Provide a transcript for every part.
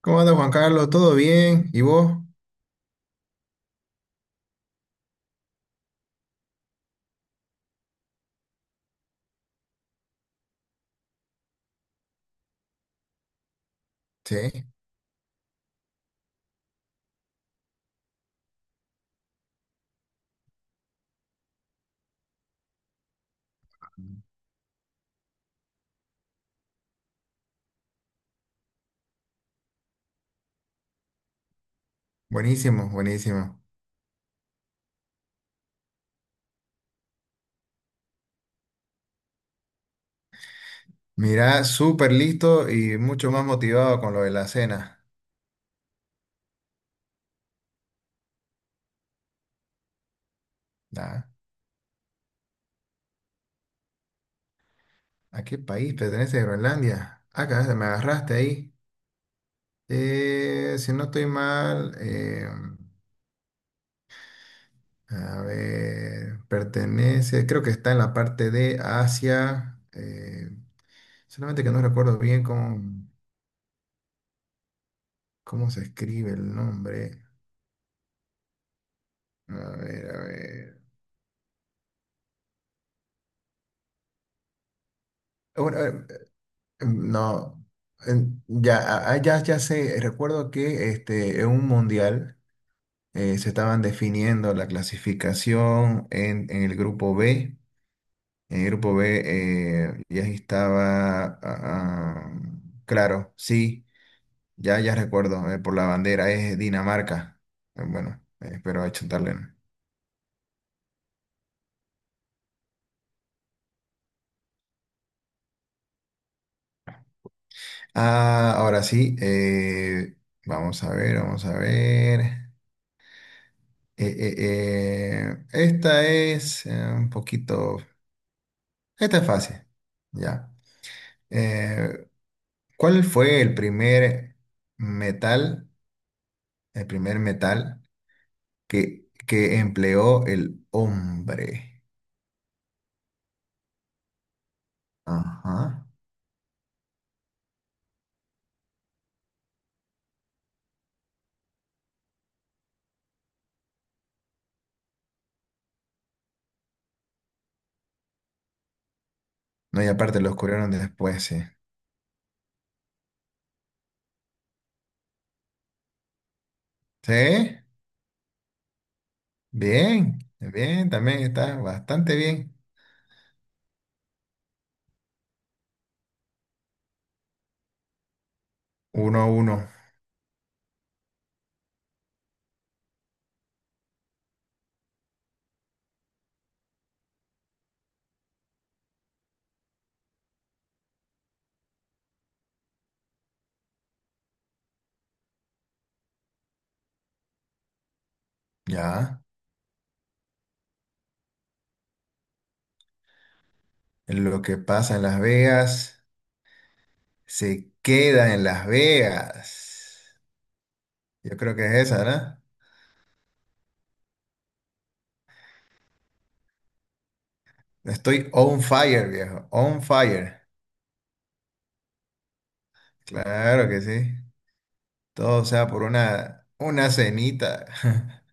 ¿Cómo anda Juan Carlos? ¿Todo bien? ¿Y vos? Sí, buenísimo, buenísimo. Mirá, súper listo y mucho más motivado con lo de la cena. Ah, ¿a qué país pertenece Groenlandia? Acá se me agarraste ahí. Si no estoy mal, a ver, pertenece, creo que está en la parte de Asia. Solamente que no recuerdo bien cómo se escribe el nombre. A ver, a ver. Bueno, a ver, no, ya, ya, ya sé, recuerdo que este, en un mundial se estaban definiendo la clasificación en el grupo B. En el grupo B ya estaba, claro, sí, ya recuerdo, por la bandera es Dinamarca. Bueno, espero achuntarle, ¿no? Ah, ahora sí, vamos a ver, vamos a ver. Esta es un poquito. Esta es fácil. Ya. Eh, ¿Cuál fue el primer metal, el primer metal que empleó el hombre? Ajá. No, y aparte lo descubrieron después, sí. ¿Sí? Bien, bien, también está bastante bien. Uno a uno. Ya. Lo que pasa en Las Vegas se queda en Las Vegas. Yo creo que es esa, ¿verdad? Estoy on fire, viejo. On fire. Claro que sí. Todo sea por una cenita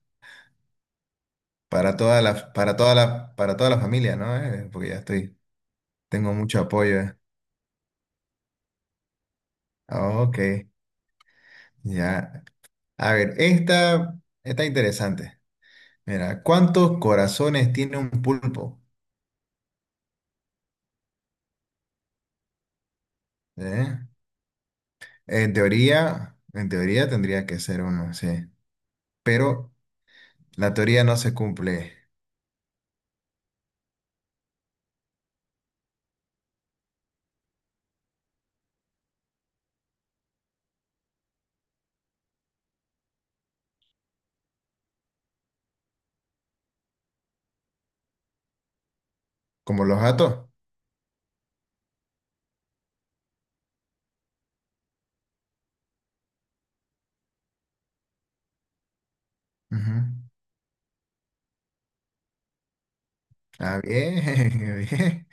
para toda la, para toda la familia, ¿no? Porque ya estoy, tengo mucho apoyo. Ah, ok, ya. A ver, esta está interesante. Mira, ¿cuántos corazones tiene un pulpo? ¿Eh? En teoría tendría que ser uno, sí. Pero la teoría no se cumple. Como los gatos. Ujú. Ah, bien, bien,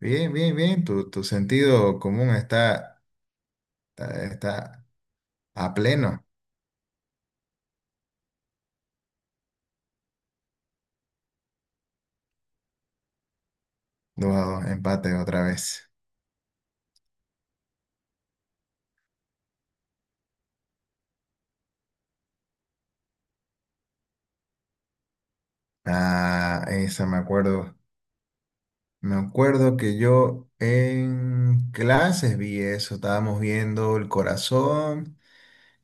bien, bien, bien. Tu sentido común está, está, está a pleno. Dos a dos, empate otra vez. Ah, esa me acuerdo. Me acuerdo que yo en clases vi eso. Estábamos viendo el corazón.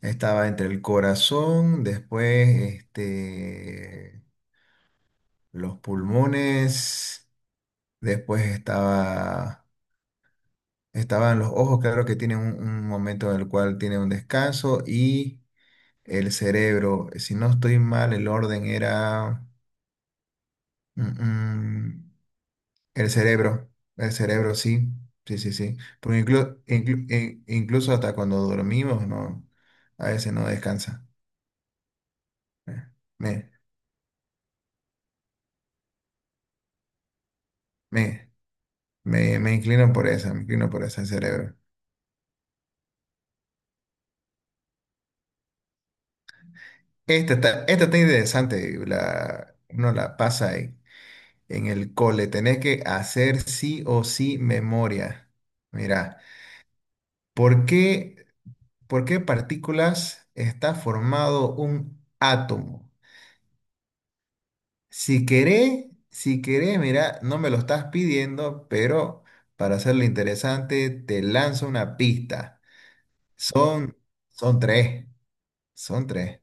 Estaba entre el corazón, después este, los pulmones, después estaba, estaban los ojos, claro que tienen un momento en el cual tiene un descanso y el cerebro. Si no estoy mal, el orden era mm, mm, el cerebro, el cerebro, sí, sí, sí, sí, porque incluso hasta cuando dormimos, no, a veces no descansa. Eh, Me, me, me inclino por esa, me inclino por esa, el cerebro. Esta está interesante, la, uno la pasa. En el cole tenés que hacer sí o sí memoria. Mira, ¿por qué, ¿por qué partículas está formado un átomo? Si querés, mira, no me lo estás pidiendo, pero para hacerlo interesante, te lanzo una pista. Son, Son son tres.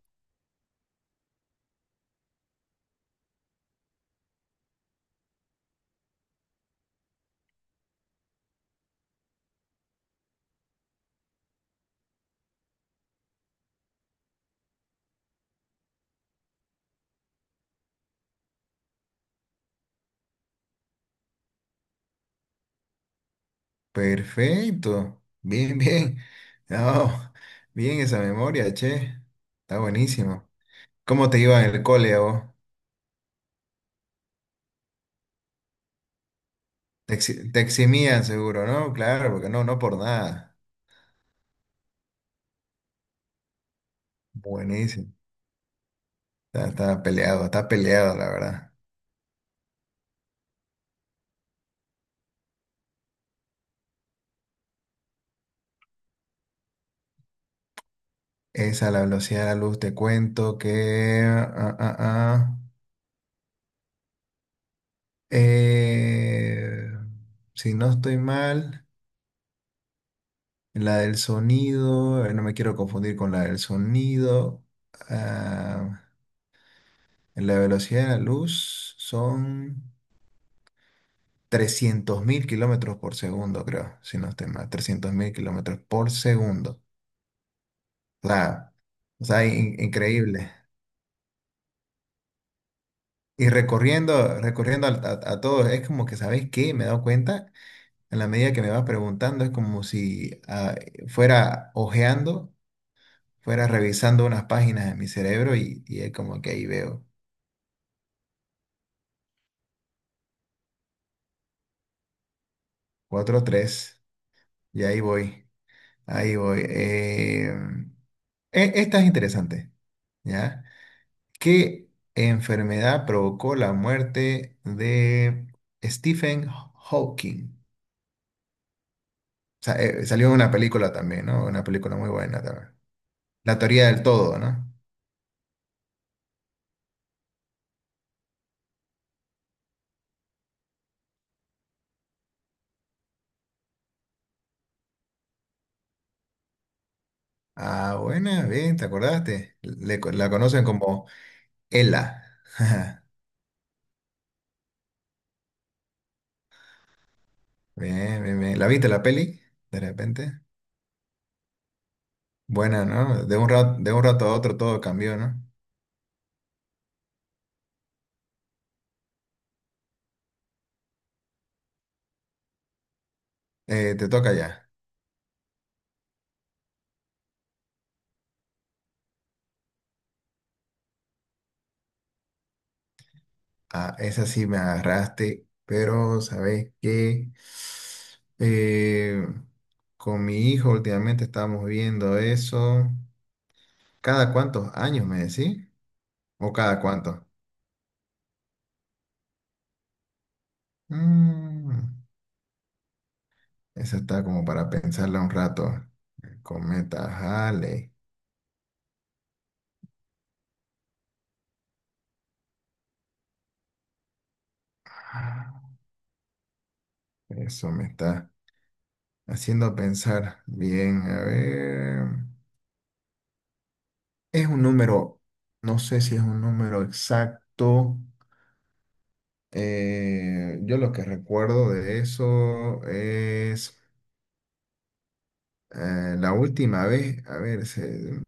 Perfecto, bien, bien. No, bien esa memoria, che. Está buenísimo. ¿Cómo te iba en el cole a vos? Te, te eximían seguro, ¿no? Claro, porque no, no por nada. Buenísimo. Está, está peleado, la verdad. Esa, la velocidad de la luz, te cuento que... ah, eh, si no estoy mal, la del sonido, no me quiero confundir con la del sonido. ah, la velocidad de la luz son 300.000 kilómetros por segundo, creo, si no estoy mal. 300.000 kilómetros por segundo. Sea, o sea, increíble. Y recorriendo, recorriendo a todos, es como que, ¿sabéis qué? Me he dado cuenta, en la medida que me vas preguntando, es como si fuera ojeando, fuera revisando unas páginas en mi cerebro y es como que ahí veo. Cuatro, tres, y ahí voy, ahí voy. Esta es interesante, ¿ya? ¿Qué enfermedad provocó la muerte de Stephen Hawking? Salió una película también, ¿no? Una película muy buena también. La teoría del todo, ¿no? Ah, buena, bien, ¿te acordaste? Le la conocen como Ella. Bien, bien, bien. ¿La viste la peli? De repente. Buena, ¿no? De un rato a otro todo cambió, ¿no? Te toca ya. Ah, esa sí me agarraste, pero ¿sabes qué? Eh, con mi hijo últimamente estábamos viendo eso. ¿Cada cuántos años me decís? ¿O cada cuánto? Mm, esa está como para pensarla un rato. El cometa Halley. Ah, eso me está haciendo pensar. Bien, a ver. Es un número, no sé si es un número exacto. Yo lo que recuerdo de eso es la última vez, a ver,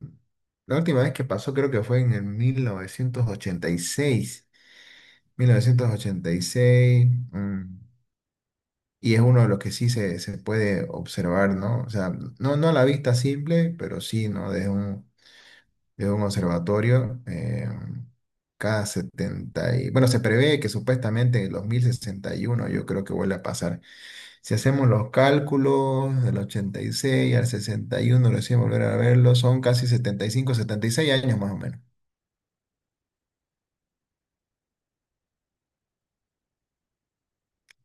la última vez que pasó creo que fue en el 1986. 1986, mm, y es uno de los que sí se puede observar, ¿no? O sea, no, no a la vista simple, pero sí, ¿no? Desde un observatorio, cada 70 y... Bueno, se prevé que supuestamente en el 2061 yo creo que vuelve a pasar. Si hacemos los cálculos del 86 al 61, recién volver a verlo, son casi 75, 76 años más o menos.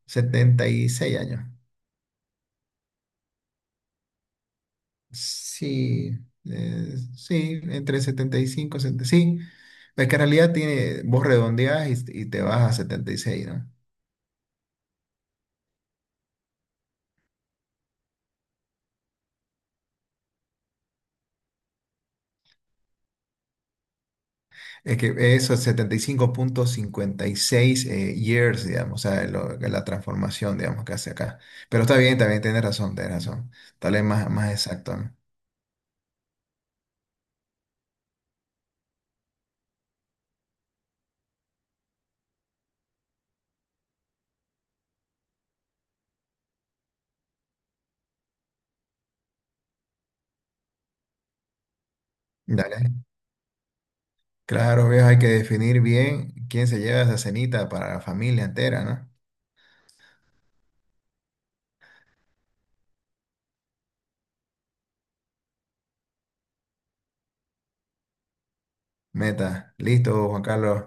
76 años. Sí, sí, entre 70 y cinco y setenta. Sí. Es que en realidad tiene, vos redondeás y te vas a 76, ¿no? Es que eso es 75.56 years, digamos, o sea, la transformación, digamos, que hace acá. Pero está bien, también tienes razón, tienes razón. Tal vez más, más exacto, ¿no? Dale. Claro, viejo, hay que definir bien quién se lleva esa cenita para la familia entera, ¿no? Meta. Listo, Juan Carlos.